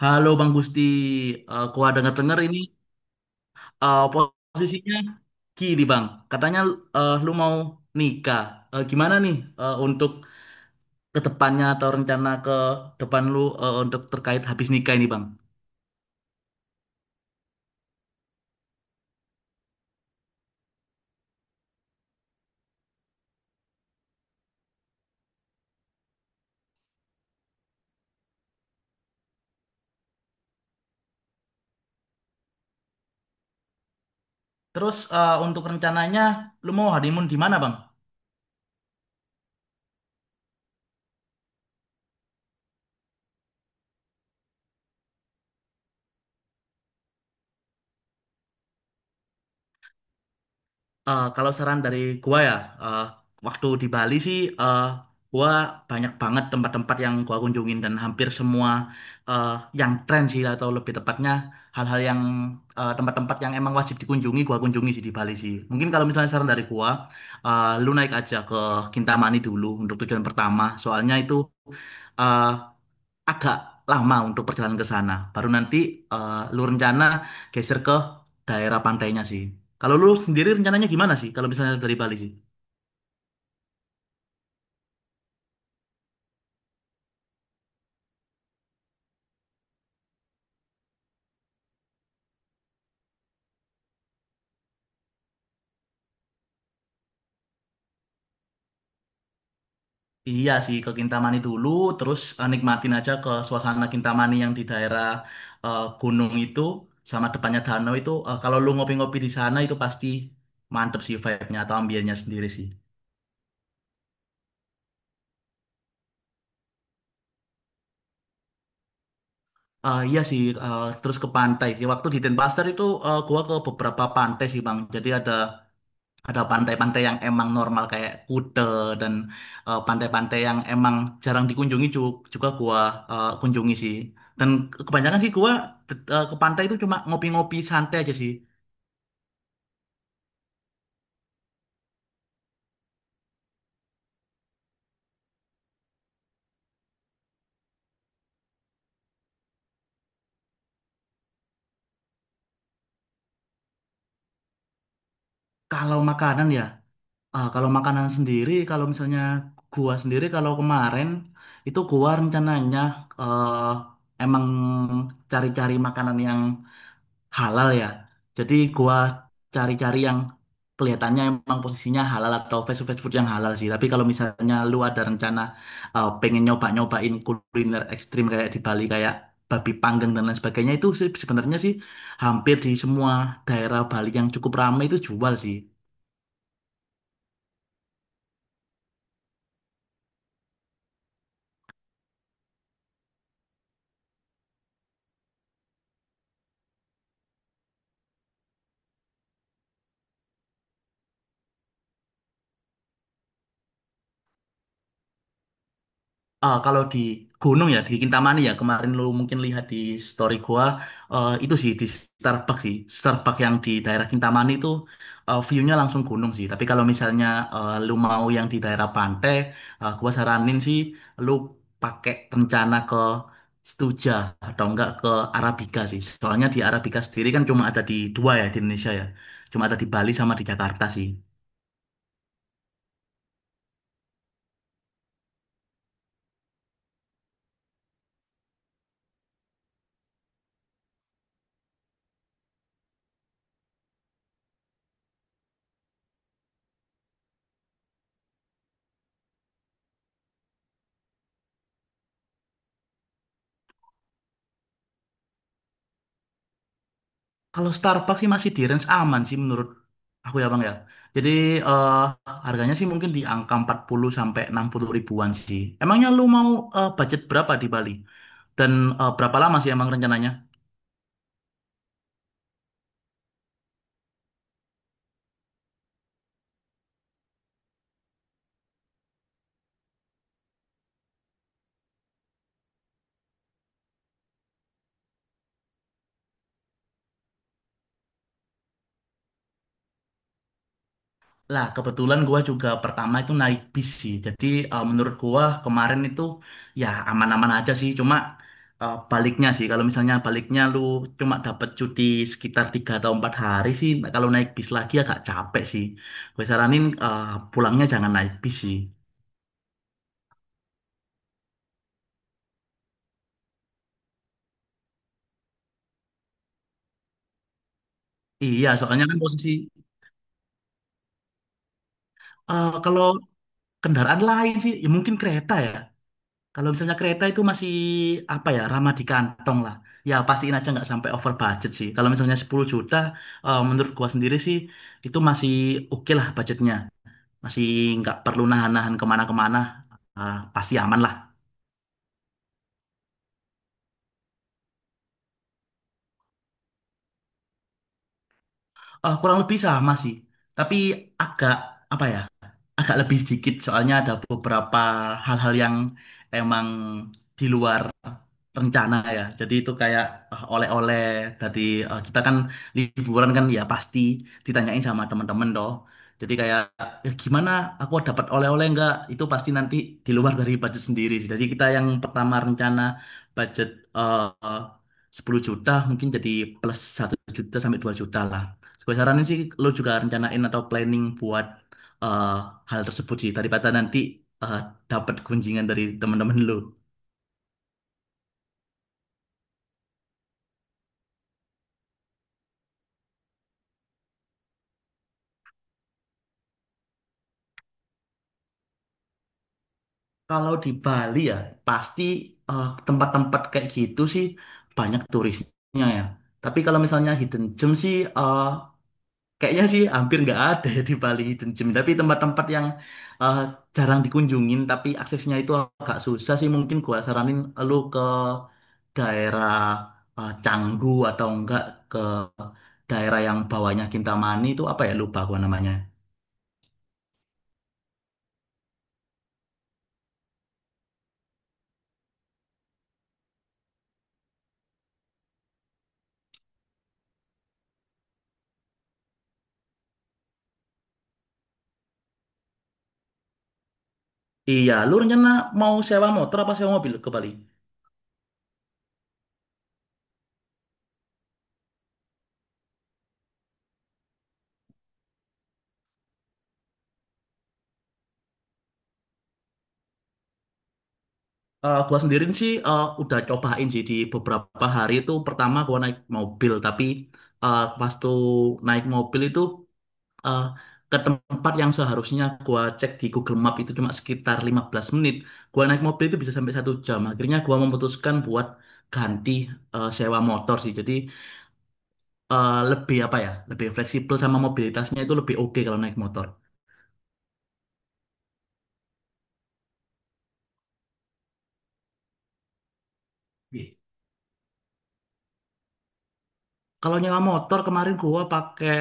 Halo Bang Gusti. Gua denger-denger ini, posisinya kiri Bang. Katanya lu mau nikah. Gimana nih, untuk ke depannya atau rencana ke depan lu, untuk terkait habis nikah ini Bang? Terus untuk rencananya lu mau honeymoon di mana Bang? Kalau saran dari gua ya, eh, waktu di Bali sih, gua banyak banget tempat-tempat yang gua kunjungin, dan hampir semua eh, yang tren sih, atau lebih tepatnya hal-hal yang, tempat-tempat yang emang wajib dikunjungi gua kunjungi sih di Bali sih. Mungkin kalau misalnya saran dari gua, lu naik aja ke Kintamani dulu untuk tujuan pertama. Soalnya itu eh, agak lama untuk perjalanan ke sana. Baru nanti lu rencana geser ke daerah pantainya sih. Kalau lu sendiri rencananya gimana sih? Kalau misalnya dari Bali sih? Iya sih, ke Kintamani dulu, terus nikmatin aja ke suasana Kintamani yang di daerah, gunung itu sama depannya danau itu. Eh, kalau lu ngopi-ngopi di sana itu pasti mantep sih, vibe-nya atau ambiennya sendiri sih. Iya sih, terus ke pantai sih. Waktu di Denpasar itu gua ke beberapa pantai sih Bang. Jadi ada. Ada pantai-pantai yang emang normal kayak Kute, dan pantai-pantai yang emang jarang dikunjungi juga gua kunjungi sih. Dan kebanyakan sih gua, ke pantai itu cuma ngopi-ngopi santai aja sih. Kalau makanan ya, kalau makanan sendiri, kalau misalnya gua sendiri kalau kemarin itu gua rencananya, eh, emang cari-cari makanan yang halal ya. Jadi gua cari-cari yang kelihatannya emang posisinya halal, atau fast food yang halal sih. Tapi kalau misalnya lu ada rencana pengen nyoba-nyobain kuliner ekstrim kayak di Bali, kayak babi panggang dan lain sebagainya, itu sih sebenarnya sih hampir di semua daerah Bali yang cukup ramai itu jual sih. Ah, kalau di gunung ya di Kintamani ya, kemarin lu mungkin lihat di story gua, itu sih di Starbucks sih, Starbucks yang di daerah Kintamani itu, view-nya langsung gunung sih. Tapi kalau misalnya lu mau yang di daerah pantai, gua saranin sih lu pakai rencana ke Stuja, atau enggak ke Arabica sih, soalnya di Arabica sendiri kan cuma ada di dua ya di Indonesia ya, cuma ada di Bali sama di Jakarta sih. Kalau Starbucks sih masih di range aman sih menurut aku ya Bang ya. Jadi eh, harganya sih mungkin di angka 40 sampai 60 ribuan sih. Emangnya lu mau, budget berapa di Bali? Dan berapa lama sih emang rencananya? Lah, kebetulan gua juga pertama itu naik bis sih. Jadi menurut gua kemarin itu ya aman-aman aja sih. Cuma baliknya sih. Kalau misalnya baliknya lu cuma dapat cuti sekitar 3 atau 4 hari sih. Nah, kalau naik bis lagi agak capek sih. Gue saranin pulangnya jangan naik bis sih. Iya, soalnya kan posisi, kalau kendaraan lain sih, ya mungkin kereta ya. Kalau misalnya kereta itu masih apa ya, ramah di kantong lah. Ya pastiin aja nggak sampai over budget sih. Kalau misalnya 10 juta, menurut gua sendiri sih itu masih oke lah budgetnya. Masih nggak perlu nahan-nahan kemana-kemana. Ah, pasti aman lah. Eh, kurang lebih sama sih. Tapi agak, apa ya? Agak lebih sedikit, soalnya ada beberapa hal-hal yang emang di luar rencana ya. Jadi itu kayak oleh-oleh tadi, kita kan liburan kan ya, pasti ditanyain sama teman-teman toh. Jadi kayak, "Eh, gimana, aku dapat oleh-oleh enggak?" Itu pasti nanti di luar dari budget sendiri sih. Jadi kita yang pertama rencana budget eh 10 juta, mungkin jadi plus satu juta sampai 2 juta lah. Gue saranin sih lo juga rencanain atau planning buat eh, hal tersebut sih, daripada nanti eh, dapat gunjingan dari teman-teman lu. Kalau di Bali ya pasti tempat-tempat kayak gitu sih banyak turisnya ya. Tapi kalau misalnya hidden gem sih, kayaknya sih hampir nggak ada ya di Bali Hidden Gem. Tapi tempat-tempat yang eh, jarang dikunjungin, tapi aksesnya itu agak susah sih. Mungkin gua saranin lu ke daerah Canggu, atau enggak ke daerah yang bawahnya Kintamani itu apa ya? Lupa gua namanya. Iya, lu rencana mau sewa motor apa sewa mobil ke Bali? Gua sendiri sih udah cobain sih. Di beberapa hari itu pertama gua naik mobil, tapi pas tuh naik mobil itu eh, ke tempat yang seharusnya gua cek di Google Map itu cuma sekitar 15 menit, gua naik mobil itu bisa sampai satu jam. Akhirnya gua memutuskan buat ganti, sewa motor sih. Jadi lebih apa ya, lebih fleksibel, sama mobilitasnya itu lebih oke kalau naik motor. Gitu. Kalau nyewa motor kemarin gua pakai,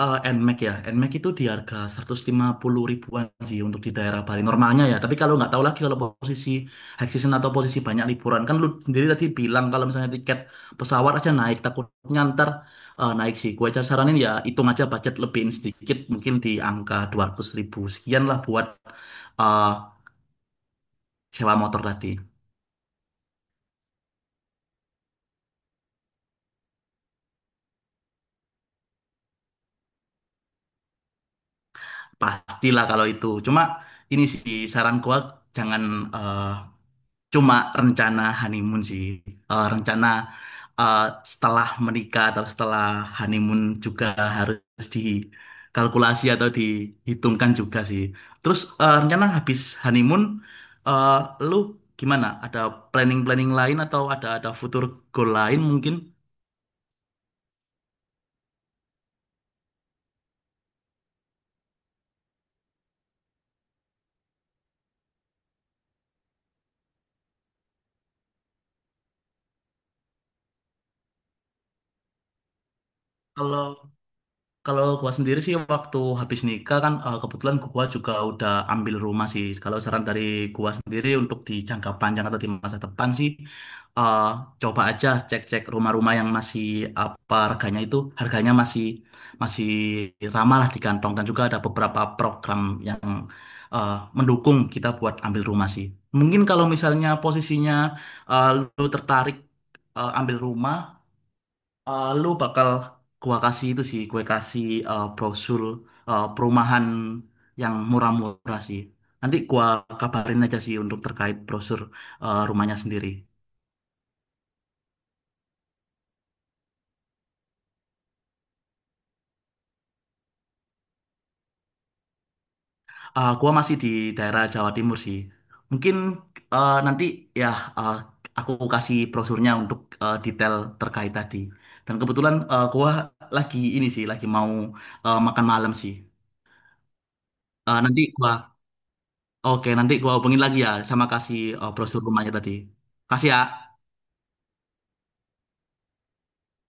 Nmax ya. Nmax itu di harga 150 ribuan sih untuk di daerah Bali normalnya ya. Tapi kalau nggak tahu lagi kalau posisi high season, atau posisi banyak liburan, kan lu sendiri tadi bilang kalau misalnya tiket pesawat aja naik, takutnya ntar naik sih. Gue aja saranin ya, hitung aja budget, lebihin sedikit mungkin di angka 200 ribu sekian lah buat eh, sewa motor tadi. Pastilah kalau itu. Cuma ini sih saran gua, jangan eh, cuma rencana honeymoon sih. Rencana eh, setelah menikah atau setelah honeymoon juga harus dikalkulasi atau dihitungkan juga sih. Terus rencana habis honeymoon, eh, lu gimana? Ada planning-planning lain, atau ada future goal lain mungkin? Kalau Kalau gua sendiri sih waktu habis nikah kan, kebetulan gua juga udah ambil rumah sih. Kalau saran dari gua sendiri untuk di jangka panjang atau di masa depan sih, eh, coba aja cek-cek rumah-rumah yang masih apa, harganya itu harganya masih masih ramah lah di kantong, dan juga ada beberapa program yang eh, mendukung kita buat ambil rumah sih. Mungkin kalau misalnya posisinya eh, lu tertarik ambil rumah. Eh, lu bakal gua kasih itu sih, gue kasih brosur perumahan yang murah-murah sih. Nanti gua kabarin aja sih untuk terkait brosur rumahnya sendiri. Eh, gua masih di daerah Jawa Timur sih. Mungkin nanti ya, eh, aku kasih brosurnya untuk detail terkait tadi. Dan kebetulan gua lagi ini sih, lagi mau makan malam sih. Eh, nanti gua Oke, nanti gua hubungin lagi ya, sama kasih brosur rumahnya tadi. Kasih ya.